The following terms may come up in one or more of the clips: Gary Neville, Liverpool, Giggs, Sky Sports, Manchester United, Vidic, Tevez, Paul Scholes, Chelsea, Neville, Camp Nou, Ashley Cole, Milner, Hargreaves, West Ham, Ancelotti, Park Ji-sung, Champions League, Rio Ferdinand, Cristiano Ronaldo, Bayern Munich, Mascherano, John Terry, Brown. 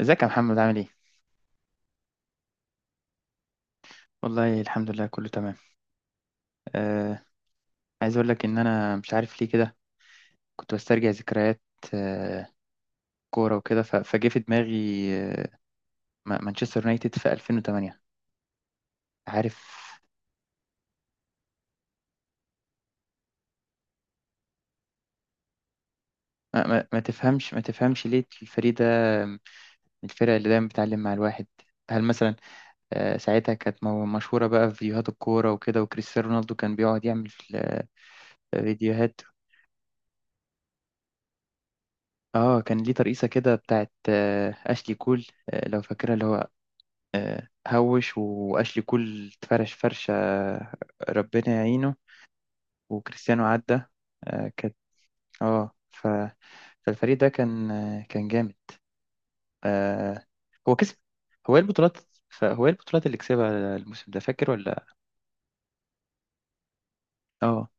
ازيك يا محمد، عامل ايه؟ والله الحمد لله، كله تمام. آه. عايز اقول لك ان مش عارف ليه كده. كنت بسترجع ذكريات. آه. كوره وكده فجه في دماغي. آه. مانشستر يونايتد في 2008. عارف؟ ما تفهمش ليه الفريق ده، من الفرق اللي دايما بتعلم مع الواحد. هل مثلا، آه، ساعتها كانت مشهوره بقى في فيديوهات الكوره وكده، وكريستيانو رونالدو كان بيقعد يعمل فيديوهات. اه، كان ليه ترقيصه كده بتاعت اشلي كول، لو فاكرها، اللي هو هوش واشلي كول اتفرش فرشه. ربنا يعينه. وكريستيانو عدى. كانت. اه فالفريق ده كان، كان جامد. آه، هو كسب. هو ايه البطولات؟ فهو ايه البطولات اللي كسبها الموسم ده، فاكر ولا؟ اه.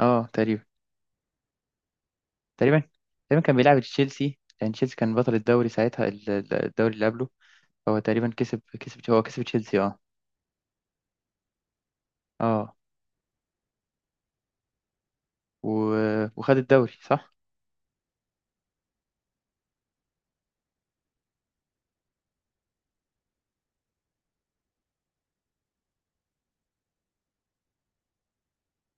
اه، تقريبا. تقريبا. تقريبا كان بيلعب تشيلسي، لان تشيلسي كان بطل الدوري ساعتها الدوري اللي قبله. هو تقريبا كسب هو كسب تشيلسي، اه. اه و... وخد الدوري، صح.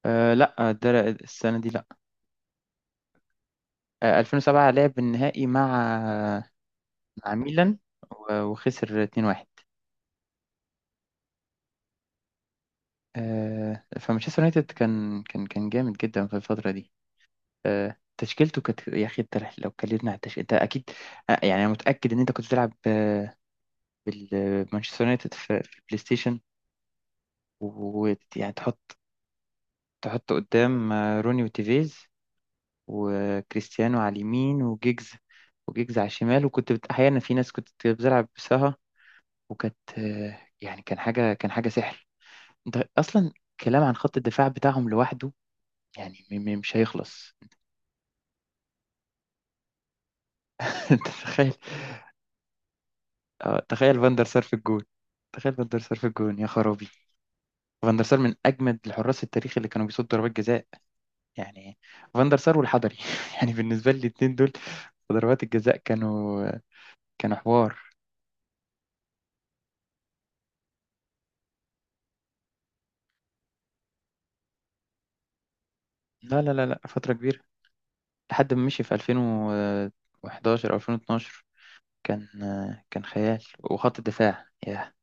آه لا، السنة دي لا. آه، 2007 لعب النهائي مع ميلان. وخسر 2-1. آه، فمانشستر يونايتد كان جامد جدا في الفترة دي. آه، تشكيلته كانت، يا أخي أنت لو اتكلمنا على التشكيل أنت أكيد، آه، يعني أنا متأكد إن أنت كنت بتلعب مانشستر يونايتد في البلاي ستيشن. ويعني تحط قدام روني وتيفيز، وكريستيانو على اليمين، وجيجز على الشمال. وكنت أحيانا في ناس كنت بتلعب بسها. وكانت، يعني كان حاجة سحر. انت اصلا، كلام عن خط الدفاع بتاعهم لوحده، يعني مش هيخلص. انت تخيل! تخيل فاندر سار في الجون. تخيل فاندر سار في الجون يا خرابي! فاندر سار من اجمد الحراس التاريخ اللي كانوا بيصدوا ضربات جزاء، يعني. فاندر سار والحضري، يعني بالنسبة لي الاتنين دول، ضربات الجزاء كانوا حوار. لا، لا، لا، لا، فترة كبيرة. لحد ما مشي في 2011 او 2012. كان كان خيال. وخط الدفاع، ياه!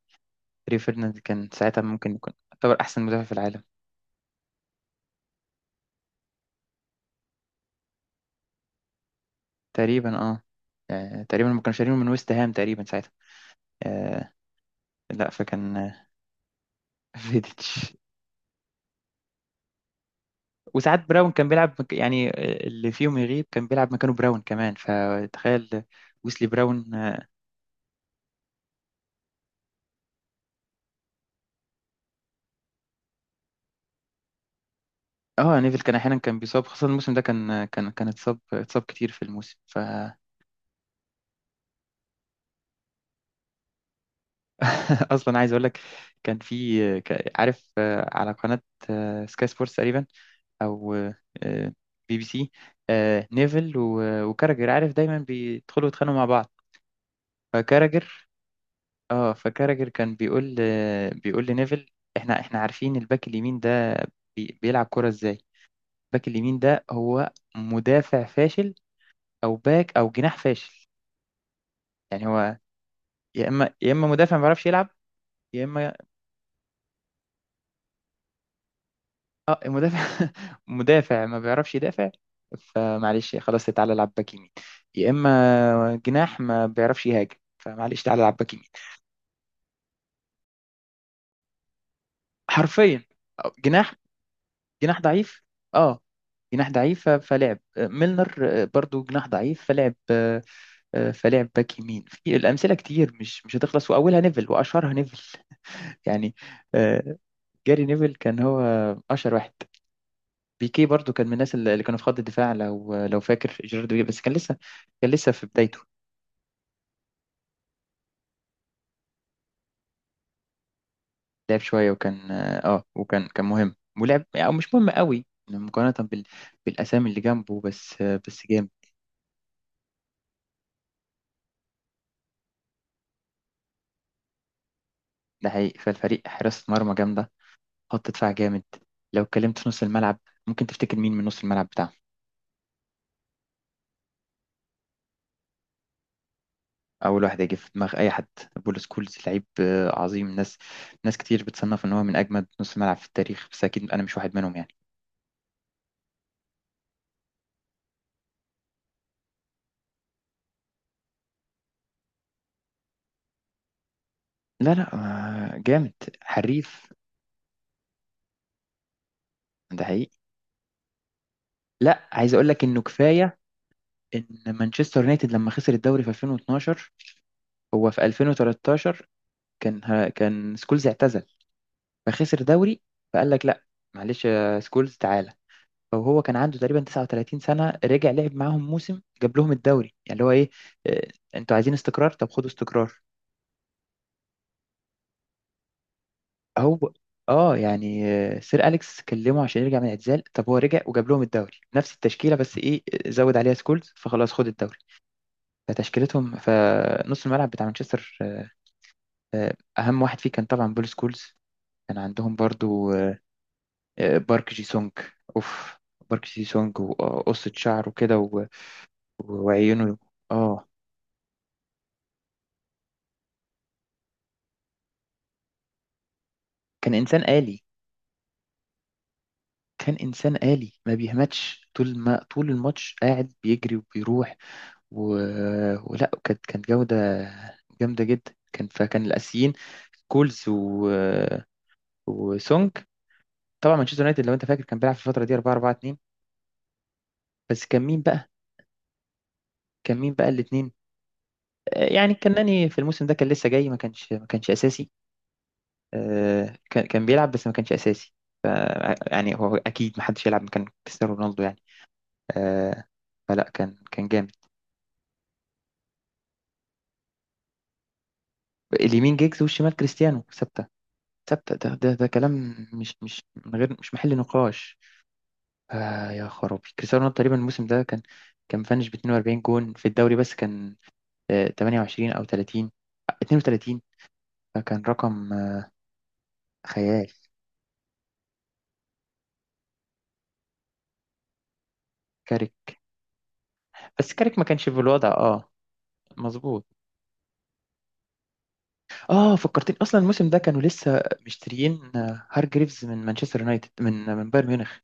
ريو فيرديناند كان ساعتها ممكن يكون يعتبر أحسن مدافع في العالم. تقريبا، اه. آه، تقريبا ما كانوا شارينه من ويست هام تقريبا ساعتها. آه، لا فكان، فيديتش. وساعات براون كان بيلعب يعني، اللي فيهم يغيب كان بيلعب مكانه براون كمان، فتخيل. ويسلي براون، اه. نيفل كان احيانا كان بيصاب، خاصة الموسم ده كان، كان اتصاب كتير في الموسم فاصلا. عايز اقول لك، كان في عارف، على قناة سكاي سبورتس تقريبا، او BBC، آه، نيفل وكاراجر، عارف، دايما بيدخلوا يتخانقوا مع بعض. فكاراجر اه فكاراجر كان بيقول لنيفل، احنا عارفين الباك اليمين ده بيلعب كرة ازاي. الباك اليمين ده هو مدافع فاشل، او باك او جناح فاشل. يعني هو يا اما مدافع ما بيعرفش يلعب، يا اما، اه المدافع، مدافع ما بيعرفش يدافع، فمعلش خلاص تعالى العب باك يمين. يا اما جناح ما بيعرفش يهاجم، فمعلش تعالى العب باك يمين. حرفيا. جناح. جناح ضعيف. اه، جناح ضعيف فلعب ميلنر، برضو جناح ضعيف، فلعب فلعب باك يمين. في الامثله كتير، مش هتخلص، واولها نيفل، واشهرها نيفل. يعني، آه، جاري نيفل كان هو اشهر واحد. بيكي برضو كان من الناس اللي كانوا في خط الدفاع، لو فاكر، جيرارد بيكي، بس كان لسه في بدايته. لعب شوية، وكان اه آه، وكان كان مهم ولعب، او مش مهم قوي، مقارنة بالاسامي اللي جنبه، بس بس جامد. ده حقيقي. فالفريق، حراسة مرمى جامدة، خط دفاع جامد. لو اتكلمت في نص الملعب، ممكن تفتكر مين من نص الملعب بتاعهم؟ اول واحد هيجي في دماغ اي حد، بول سكولز، لعيب عظيم. ناس، ناس كتير بتصنف ان هو من اجمد نص ملعب في التاريخ، بس اكيد انا مش واحد منهم، يعني. لا، لا، جامد، حريف. ده حقيقي. لا عايز اقول لك انه كفايه ان مانشستر يونايتد لما خسر الدوري في 2012، هو في 2013 كان سكولز اعتزل، فخسر دوري. فقال لك لا، معلش يا سكولز تعالى. فهو كان عنده تقريبا 39 سنه، رجع لعب معاهم موسم، جاب لهم الدوري، يعني اللي هو ايه، آه، انتوا عايزين استقرار، طب خدوا استقرار. هو، اه، يعني سير اليكس كلمه عشان يرجع من الاعتزال، طب هو رجع وجاب لهم الدوري نفس التشكيله، بس ايه، زود عليها سكولز، فخلاص خد الدوري. فتشكيلتهم، فنص الملعب بتاع مانشستر، آه، اهم واحد فيه كان طبعا بول سكولز. كان عندهم برضو بارك جي سونج. اوف! بارك جي سونج وقصة شعره كده وعيونه، اه. كان انسان آلي. كان انسان آلي ما بيهمتش، طول ما طول الماتش قاعد بيجري وبيروح و... ولا كانت، كانت جودة جامدة جدا. كان الاسيين كولز وسونج. طبعا مانشستر يونايتد، لو انت فاكر، كان بيلعب في الفترة دي 4 4 2. بس كان مين بقى؟ الاتنين آه، يعني الكناني في الموسم ده كان لسه جاي، ما كانش اساسي. آه، كان بيلعب بس ما كانش اساسي. ف يعني هو اكيد ما حدش يلعب مكان كريستيانو رونالدو، يعني. آه، فلا كان جامد. اليمين جيجز، والشمال كريستيانو ثابته. ثابته، ده كلام مش مش من غير مش محل نقاش. آه، يا خرابي، كريستيانو رونالدو تقريبا الموسم ده كان، كان مفنش ب 42 جون في الدوري، بس كان 28 او 30، 32. فكان رقم خيال. بس كاريك ما كانش في الوضع، اه. مظبوط. اه، فكرتني اصلا الموسم ده كانوا لسه مشتريين هارجريفز من مانشستر يونايتد من بايرن ميونخ.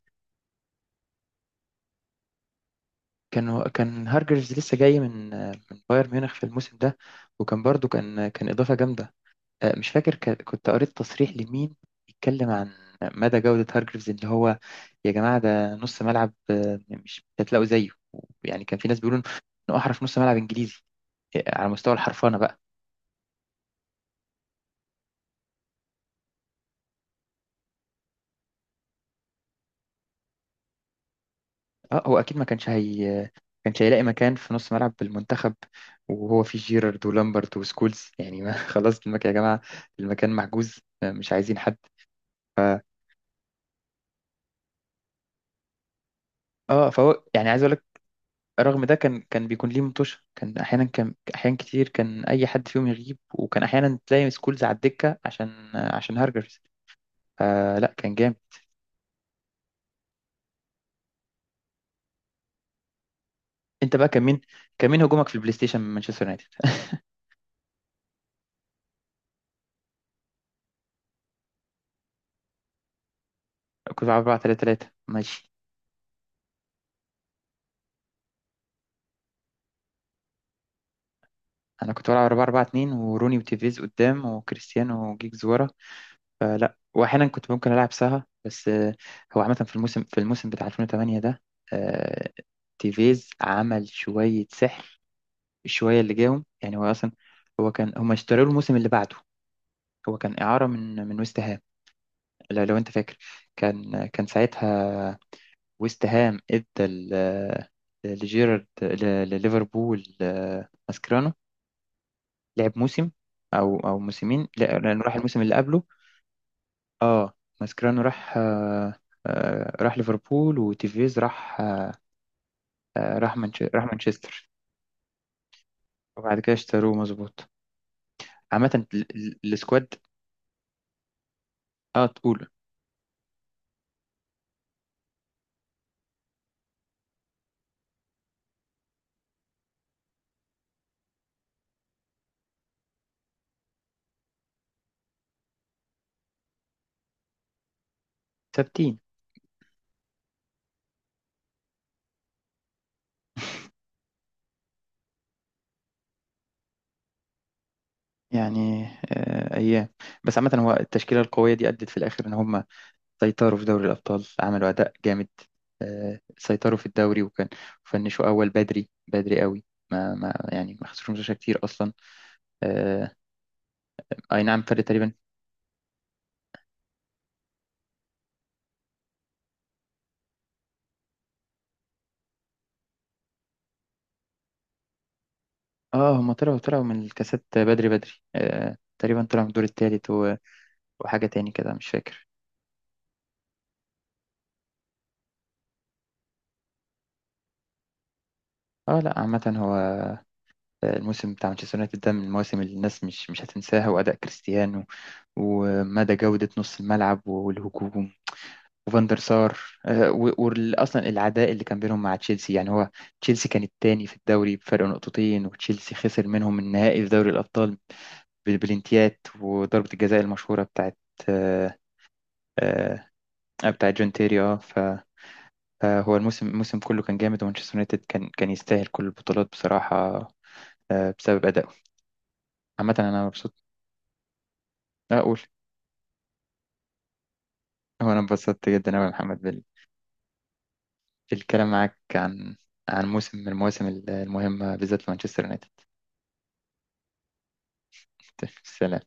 كان هارجريفز لسه جاي من بايرن ميونخ في الموسم ده. وكان برضو كان اضافه جامده. آه، مش فاكر، كنت قريت تصريح لمين يتكلم عن مدى جوده هارجريفز، اللي هو، يا جماعه ده نص ملعب مش هتلاقوا زيه، يعني. كان في ناس بيقولوا انه احرف نص ملعب انجليزي، على مستوى الحرفنه بقى. اه هو اكيد ما كانش هيلاقي مكان في نص ملعب بالمنتخب، وهو فيه جيرارد ولامبرت وسكولز، يعني ما خلاص المكان يا جماعه، المكان محجوز مش عايزين حد. ف... اه فهو، يعني عايز اقول لك، رغم ده كان بيكون ليه مطوشه، كان احيانا، كان احيان كتير، كان اي حد فيهم يغيب وكان احيانا تلاقي سكولز على الدكه عشان هارجرز آه، لا كان جامد. انت بقى، كان مين هجومك في البلاي ستيشن من مانشستر يونايتد؟ كنت 4 3 3 ماشي. انا كنت بلعب 4 4 2، وروني وتيفيز قدام، وكريستيانو وجيجز ورا. فلا، واحيانا كنت ممكن العب سها، بس هو عامه، في الموسم، بتاع 2008 ده، آه، تيفيز عمل شويه سحر، الشويه اللي جاهم، يعني هو اصلا هو كان، هم اشتروا له الموسم اللي بعده، هو كان اعاره من ويست هام، لو انت فاكر، كان ساعتها ويست هام ادى لجيرارد، لليفربول ماسكرانو. لعب موسم، او موسمين، لانه راح الموسم اللي قبله. اه، ماسكرانو راح، راح ليفربول، وتيفيز راح راح راح مانشستر، وبعد كده اشتروه، مظبوط. عامة السكواد، اه تقول، ثابتين، يعني آه ايام. بس عامة هو التشكيلة القوية دي أدت في الآخر إن هم سيطروا في دوري الأبطال، عملوا أداء جامد. آه، سيطروا في الدوري وكان، فنشوا أول، بدري بدري قوي، ما ما يعني ما خسروش ماتشات كتير أصلا. آه، اي نعم، فرق تقريبا. اه هم طلعوا من الكاسات بدري بدري، آه تقريبا طلعوا من الدور التالت، وحاجة تاني كده مش فاكر. اه لا، عامة هو الموسم بتاع مانشستر يونايتد ده من المواسم اللي الناس مش هتنساها، وأداء كريستيانو، ومدى جودة نص الملعب والهجوم، وفاندر سار، وأصلا العداء اللي كان بينهم مع تشيلسي. يعني هو، تشيلسي كان التاني في الدوري بفرق نقطتين، وتشيلسي خسر منهم النهائي في دوري الأبطال بالبلنتيات، وضربة الجزاء المشهورة بتاعت آه، آه، بتاع جون تيري، اه فهو الموسم، الموسم كله كان جامد، ومانشستر يونايتد كان يستاهل كل البطولات بصراحة، بسبب أدائه. عامة أنا مبسوط. أقول هو، أنا انبسطت جدا أوي يا محمد بالكلام معاك عن موسم من المواسم المهمة بالذات لمانشستر يونايتد. سلام.